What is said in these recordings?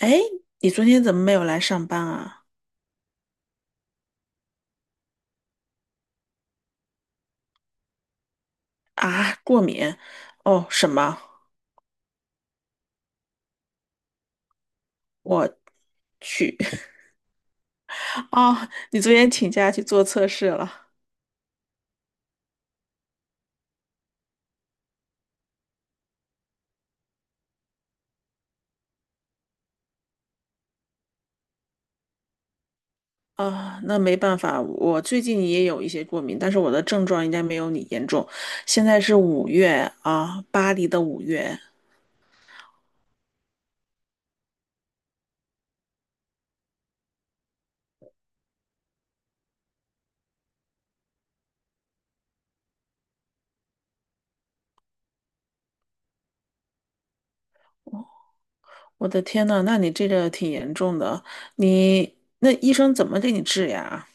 哎，你昨天怎么没有来上班啊？啊，过敏？哦，什么？我去。哦，你昨天请假去做测试了。啊，那没办法，我最近也有一些过敏，但是我的症状应该没有你严重。现在是五月啊，巴黎的五月。我的天呐，那你这个挺严重的。你那医生怎么给你治呀？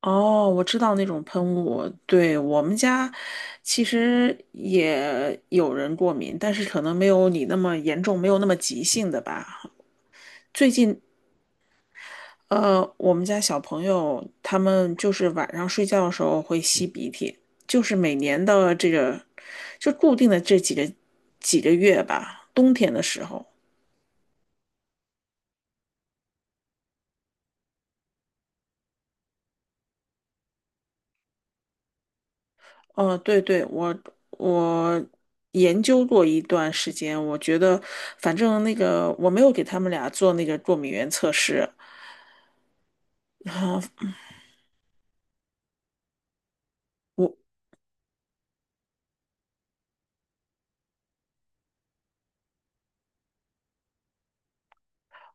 哦，我知道那种喷雾，对，我们家其实也有人过敏，但是可能没有你那么严重，没有那么急性的吧。最近，我们家小朋友他们就是晚上睡觉的时候会吸鼻涕，就是每年的这个就固定的这几个月吧，冬天的时候。哦，对对，我研究过一段时间，我觉得反正那个我没有给他们俩做那个过敏原测试，啊，我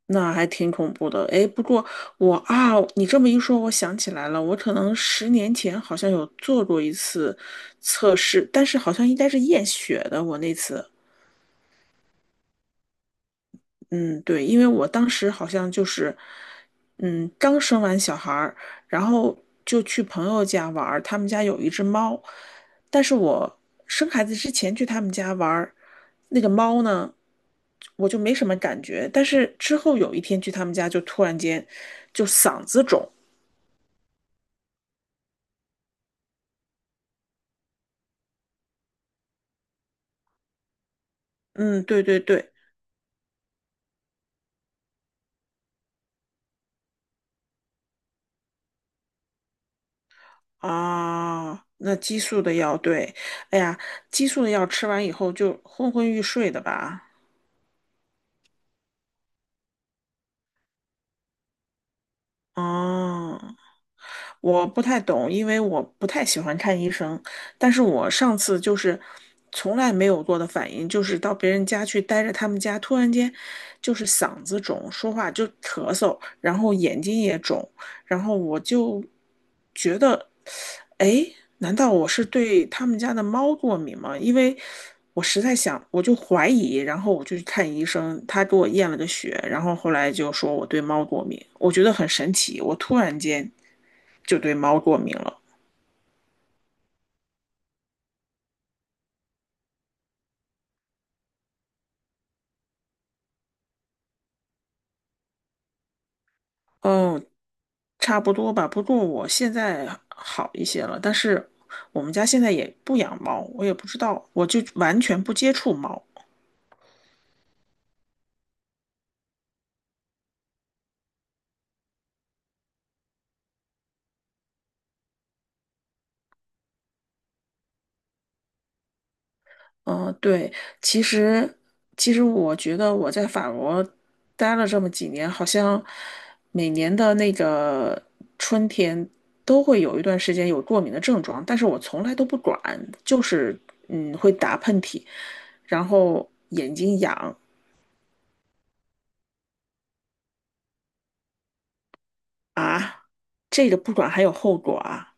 那还挺恐怖的。哎，不过我啊，你这么一说，我想起来了，我可能10年前好像有做过一次测试，但是好像应该是验血的，我那次。嗯，对，因为我当时好像就是，嗯，刚生完小孩儿，然后就去朋友家玩儿，他们家有一只猫，但是我生孩子之前去他们家玩儿，那个猫呢，我就没什么感觉，但是之后有一天去他们家，就突然间就嗓子肿，嗯，对对对，啊，那激素的药，对，哎呀，激素的药吃完以后就昏昏欲睡的吧，哦、我不太懂，因为我不太喜欢看医生。但是我上次就是从来没有过的反应，就是到别人家去待着，他们家突然间就是嗓子肿，说话就咳嗽，然后眼睛也肿，然后我就觉得，哎，难道我是对他们家的猫过敏吗？因为我实在想，我就怀疑，然后我就去看医生，他给我验了个血，然后后来就说我对猫过敏，我觉得很神奇，我突然间。就对猫过敏了。哦，差不多吧。不过我现在好一些了，但是我们家现在也不养猫，我也不知道，我就完全不接触猫。嗯，对，其实其实我觉得我在法国待了这么几年，好像每年的那个春天都会有一段时间有过敏的症状，但是我从来都不管，就是嗯会打喷嚏，然后眼睛痒，啊，这个不管还有后果啊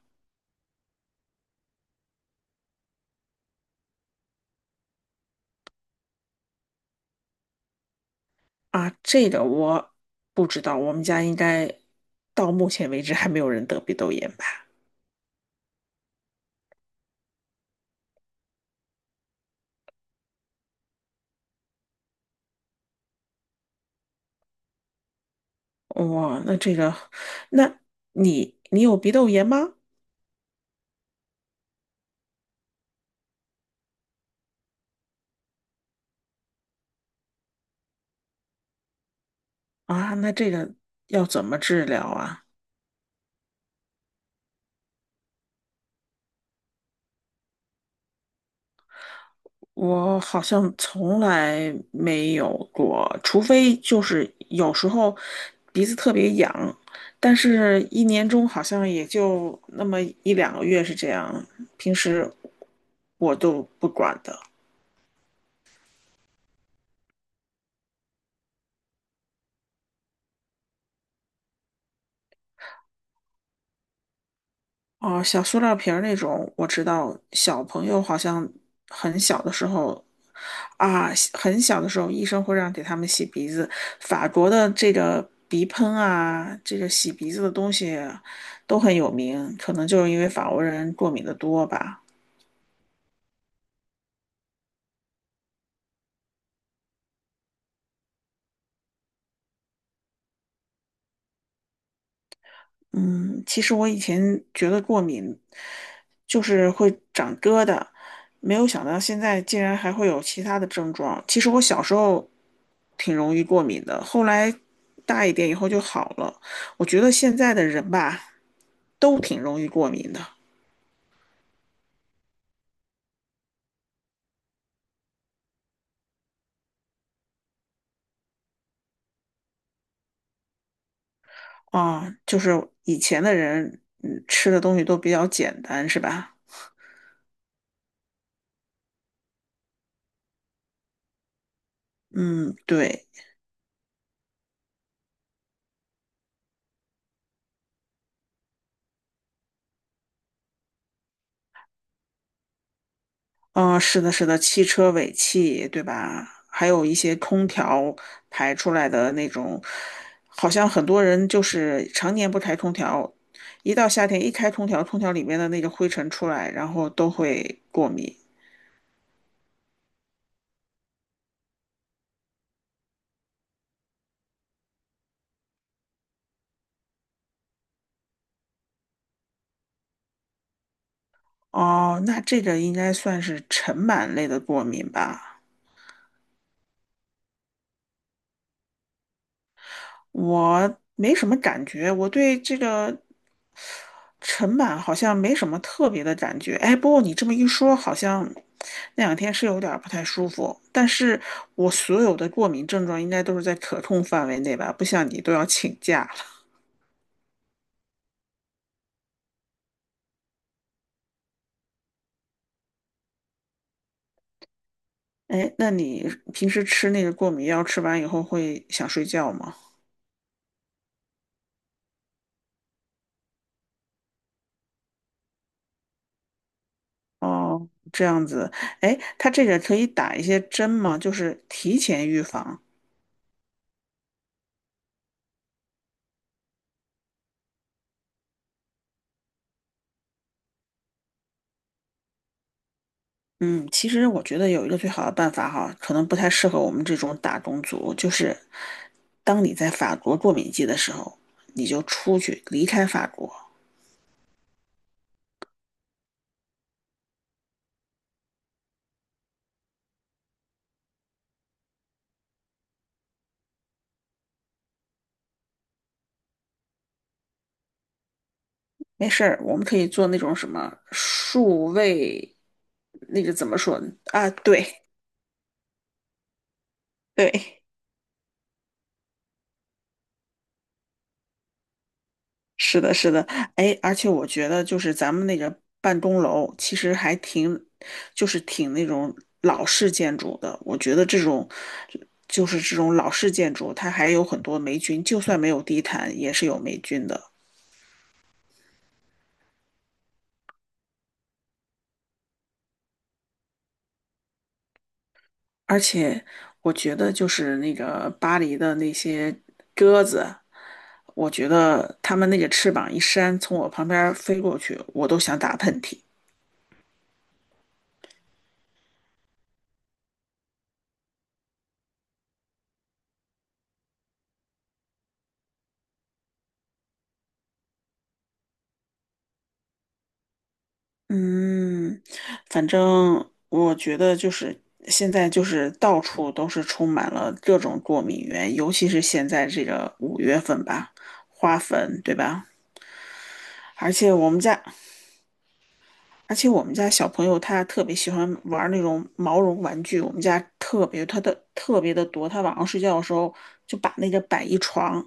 啊，这个我不知道，我们家应该到目前为止还没有人得鼻窦炎吧？哇，那这个，那你有鼻窦炎吗？啊，那这个要怎么治疗啊？我好像从来没有过，除非就是有时候鼻子特别痒，但是一年中好像也就那么1、2个月是这样，平时我都不管的。哦，小塑料瓶儿那种，我知道小朋友好像很小的时候啊，很小的时候医生会让给他们洗鼻子。法国的这个鼻喷啊，这个洗鼻子的东西都很有名，可能就是因为法国人过敏的多吧。嗯，其实我以前觉得过敏就是会长疙瘩，没有想到现在竟然还会有其他的症状。其实我小时候挺容易过敏的，后来大一点以后就好了。我觉得现在的人吧，都挺容易过敏的啊，就是以前的人，嗯，吃的东西都比较简单，是吧？嗯，对。嗯，是的，是的，汽车尾气，对吧？还有一些空调排出来的那种，好像很多人就是常年不开空调，一到夏天一开空调，空调里面的那个灰尘出来，然后都会过敏。哦，那这个应该算是尘螨类的过敏吧？我没什么感觉，我对这个陈版好像没什么特别的感觉。哎，不过你这么一说，好像那两天是有点儿不太舒服。但是我所有的过敏症状应该都是在可控范围内吧，不像你都要请假了。哎，那你平时吃那个过敏药，吃完以后会想睡觉吗？哦，这样子。哎，它这个可以打一些针吗？就是提前预防。嗯，其实我觉得有一个最好的办法哈，可能不太适合我们这种打工族，就是当你在法国过敏季的时候，你就出去离开法国，没事儿，我们可以做那种什么数位，那个怎么说呢啊？对对，是的，是的，哎，而且我觉得就是咱们那个办公楼其实还挺，就是挺那种老式建筑的。我觉得这种就是这种老式建筑，它还有很多霉菌，就算没有地毯，也是有霉菌的。而且我觉得就是那个巴黎的那些鸽子，我觉得它们那个翅膀一扇，从我旁边飞过去，我都想打喷嚏。嗯，反正我觉得就是现在就是到处都是充满了各种过敏源，尤其是现在这个五月份吧，花粉，对吧？而且我们家，而且我们家小朋友他特别喜欢玩那种毛绒玩具，我们家特别他的特别的多，他晚上睡觉的时候就把那个摆一床，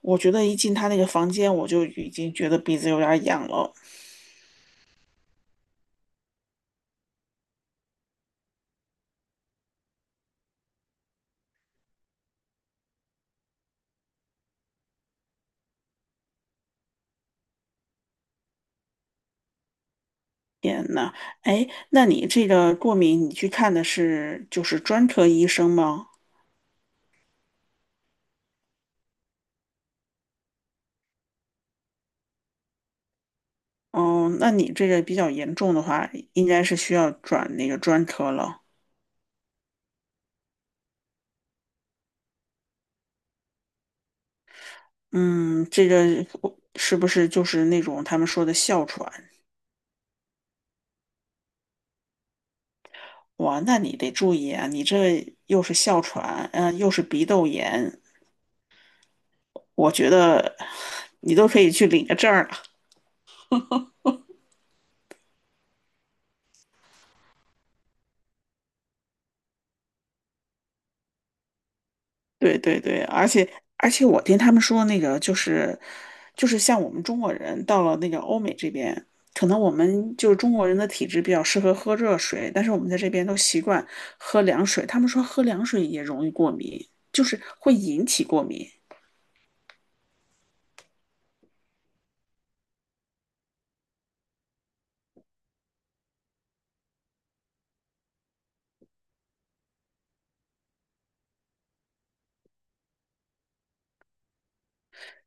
我觉得一进他那个房间，我就已经觉得鼻子有点儿痒了。天呐，哎，那你这个过敏，你去看的是就是专科医生吗？哦，那你这个比较严重的话，应该是需要转那个专科了。嗯，这个是不是就是那种他们说的哮喘？哇，那你得注意啊，你这又是哮喘，嗯、又是鼻窦炎，我觉得你都可以去领个证儿了。对对对，而且我听他们说那个就是就是像我们中国人到了那个欧美这边，可能我们就是中国人的体质比较适合喝热水，但是我们在这边都习惯喝凉水。他们说喝凉水也容易过敏，就是会引起过敏。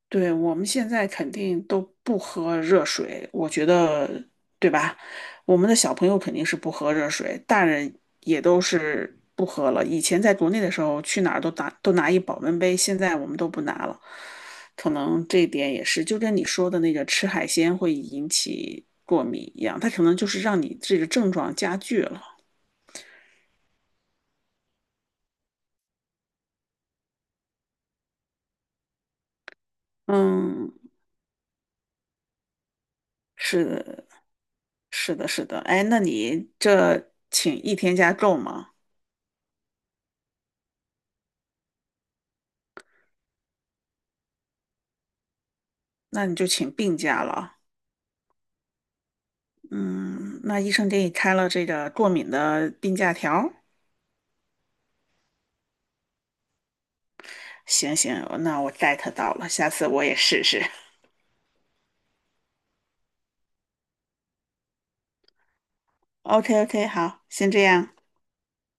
对，我们现在肯定都不喝热水，我觉得，对吧？我们的小朋友肯定是不喝热水，大人也都是不喝了。以前在国内的时候，去哪儿都拿一保温杯，现在我们都不拿了。可能这一点也是，就跟你说的那个吃海鲜会引起过敏一样，它可能就是让你这个症状加剧了。嗯，是的，是的，是的。哎，那你这请一天假够吗？那你就请病假了。嗯，那医生给你开了这个过敏的病假条。行行，那我 get 到了，下次我也试试。OK OK，好，先这样。